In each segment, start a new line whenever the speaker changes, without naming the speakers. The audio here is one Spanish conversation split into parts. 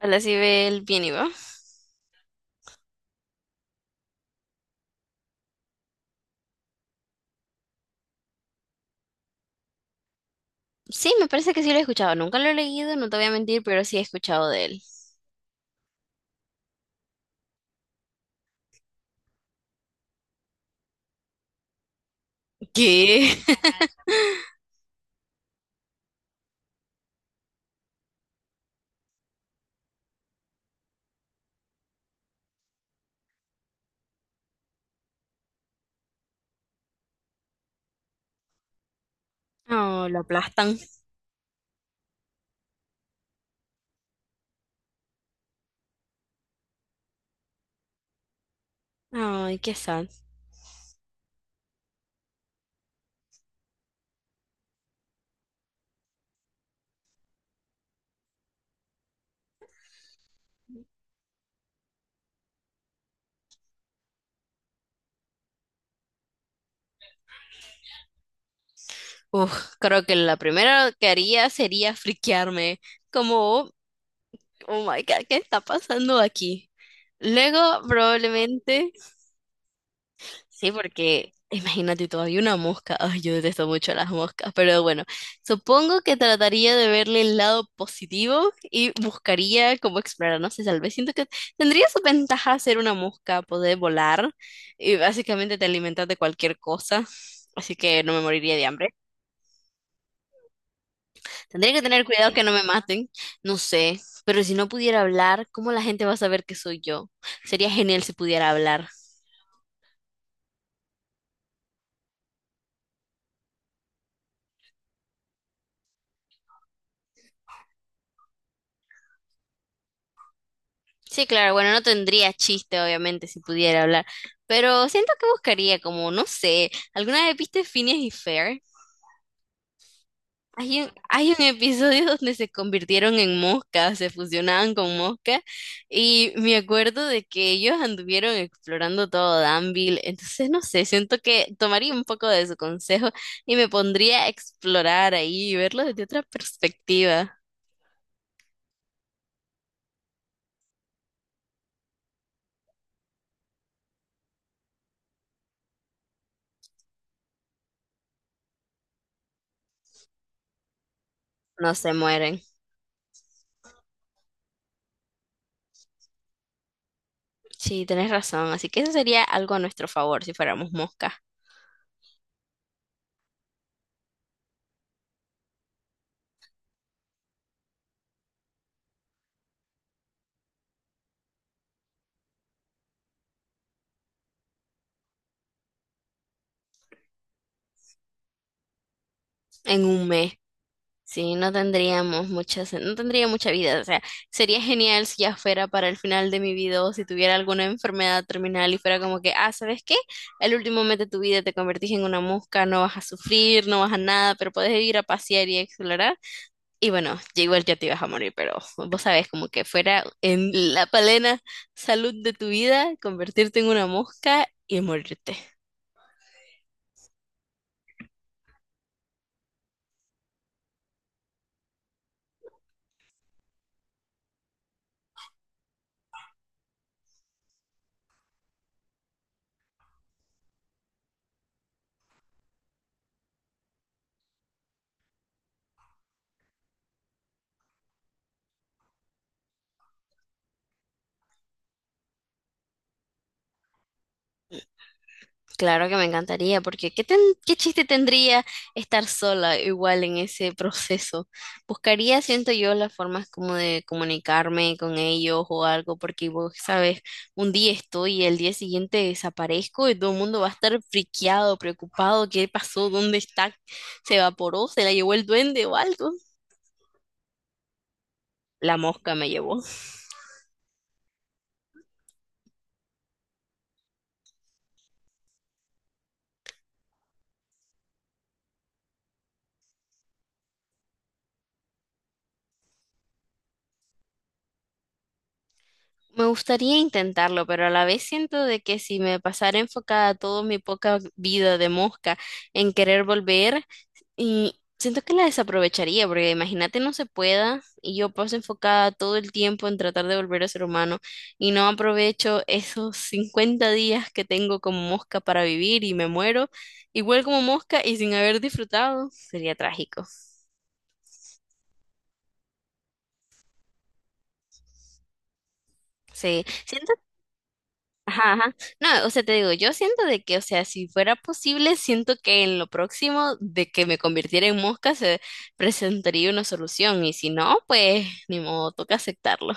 Hola, si ve el bien y va. Sí, me parece que sí lo he escuchado. Nunca lo he leído, no te voy a mentir, pero sí he escuchado de él. ¿Qué? No lo aplastan. Ay, qué sad. Uf, creo que la primera que haría sería friquearme. Como, oh, my God, ¿qué está pasando aquí? Luego, probablemente. Sí, porque imagínate, todavía una mosca. Ay, yo detesto mucho las moscas, pero bueno, supongo que trataría de verle el lado positivo y buscaría cómo explorar. No sé, tal vez siento que tendría su ventaja ser una mosca, poder volar y básicamente te alimentas de cualquier cosa, así que no me moriría de hambre. Tendría que tener cuidado que no me maten, no sé, pero si no pudiera hablar, ¿cómo la gente va a saber que soy yo? Sería genial si pudiera hablar. Sí, claro, bueno, no tendría chiste, obviamente, si pudiera hablar, pero siento que buscaría como, no sé, ¿alguna vez viste Phineas y Fer? Hay un episodio donde se convirtieron en moscas, se fusionaban con moscas, y me acuerdo de que ellos anduvieron explorando todo Danville, entonces no sé, siento que tomaría un poco de su consejo y me pondría a explorar ahí y verlo desde otra perspectiva. No se mueren. Sí, tenés razón, así que eso sería algo a nuestro favor si fuéramos moscas. En un mes, sí, no tendríamos muchas, no tendría mucha vida. O sea, sería genial si ya fuera para el final de mi vida o si tuviera alguna enfermedad terminal y fuera como que, ah, ¿sabes qué? El último mes de tu vida te convertís en una mosca, no vas a sufrir, no vas a nada, pero puedes ir a pasear y a explorar. Y bueno, ya igual ya te ibas a morir, pero vos sabés, como que fuera en la plena salud de tu vida, convertirte en una mosca y morirte. Claro que me encantaría, porque ¿qué chiste tendría estar sola igual en ese proceso? Buscaría, siento yo, las formas como de comunicarme con ellos o algo, porque vos sabes, un día estoy y el día siguiente desaparezco y todo el mundo va a estar friqueado, preocupado, ¿qué pasó? ¿Dónde está? ¿Se evaporó? ¿Se la llevó el duende o algo? La mosca me llevó. Me gustaría intentarlo, pero a la vez siento de que si me pasara enfocada toda mi poca vida de mosca en querer volver, y siento que la desaprovecharía, porque imagínate no se pueda y yo paso enfocada todo el tiempo en tratar de volver a ser humano y no aprovecho esos 50 días que tengo como mosca para vivir y me muero igual como mosca y sin haber disfrutado, sería trágico. Sí, siento, ajá, ajá. No, o sea, te digo, yo siento de que, o sea, si fuera posible, siento que en lo próximo de que me convirtiera en mosca se presentaría una solución y si no, pues ni modo, toca aceptarlo.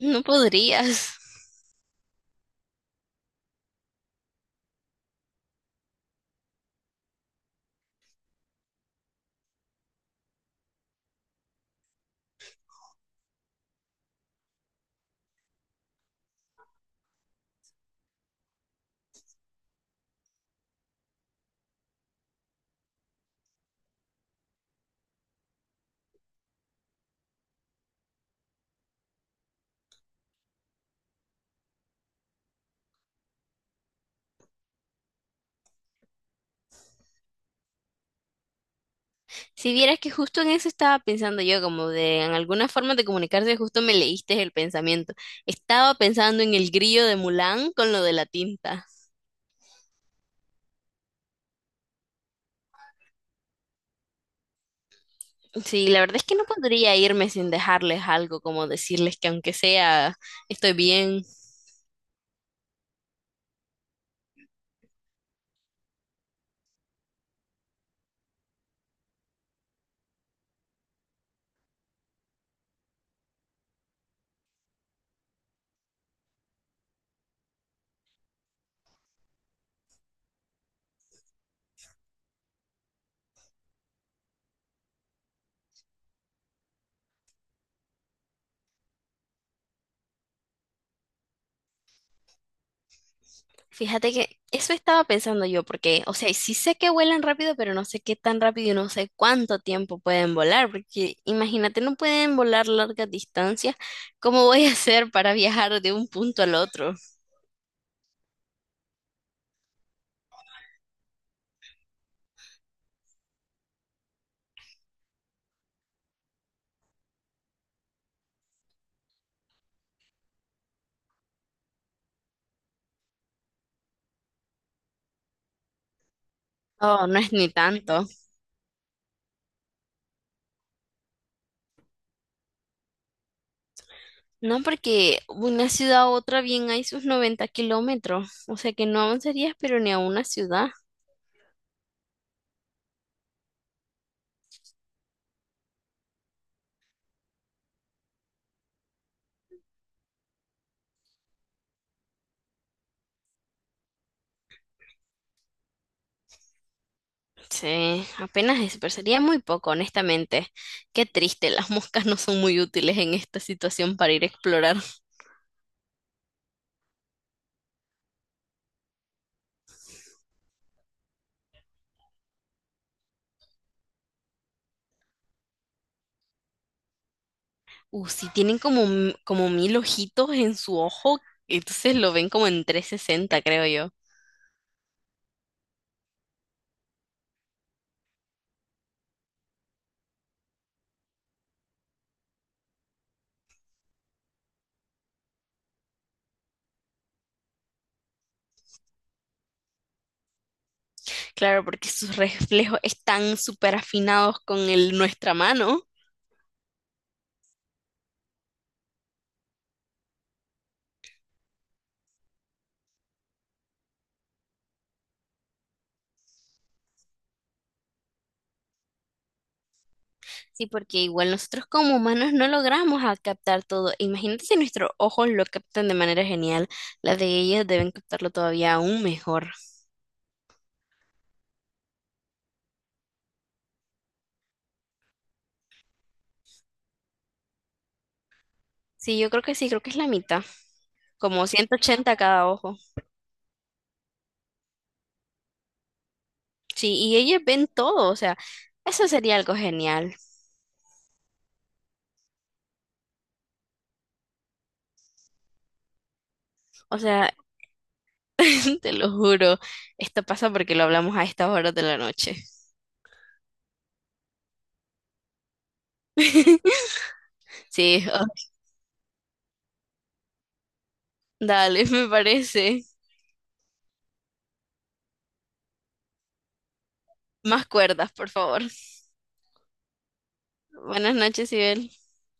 No podrías. Si vieras que justo en eso estaba pensando yo, como de en alguna forma de comunicarse, justo me leíste el pensamiento. Estaba pensando en el grillo de Mulan con lo de la tinta. Sí, la verdad es que no podría irme sin dejarles algo, como decirles que aunque sea, estoy bien. Fíjate que eso estaba pensando yo, porque, o sea, sí sé que vuelan rápido, pero no sé qué tan rápido y no sé cuánto tiempo pueden volar, porque imagínate, no pueden volar largas distancias. ¿Cómo voy a hacer para viajar de un punto al otro? Oh, no es ni tanto. No, porque una ciudad a otra bien hay sus 90 kilómetros, o sea que no avanzarías, pero ni a una ciudad. Sí, apenas eso, pero sería muy poco, honestamente. Qué triste, las moscas no son muy útiles en esta situación para ir a explorar. Sí, tienen como, como mil ojitos en su ojo, entonces lo ven como en 360, creo yo. Claro, porque sus reflejos están súper afinados con el, nuestra mano. Sí, porque igual nosotros como humanos no logramos a captar todo. Imagínate si nuestros ojos lo captan de manera genial, las de ellas deben captarlo todavía aún mejor. Sí, yo creo que sí, creo que es la mitad, como 180 cada ojo. Sí, y ellas ven todo, o sea, eso sería algo genial. O sea, te lo juro, esto pasa porque lo hablamos a estas horas de la noche. Sí, oh, dale, me parece. Más cuerdas, por favor. Buenas noches, Ibel.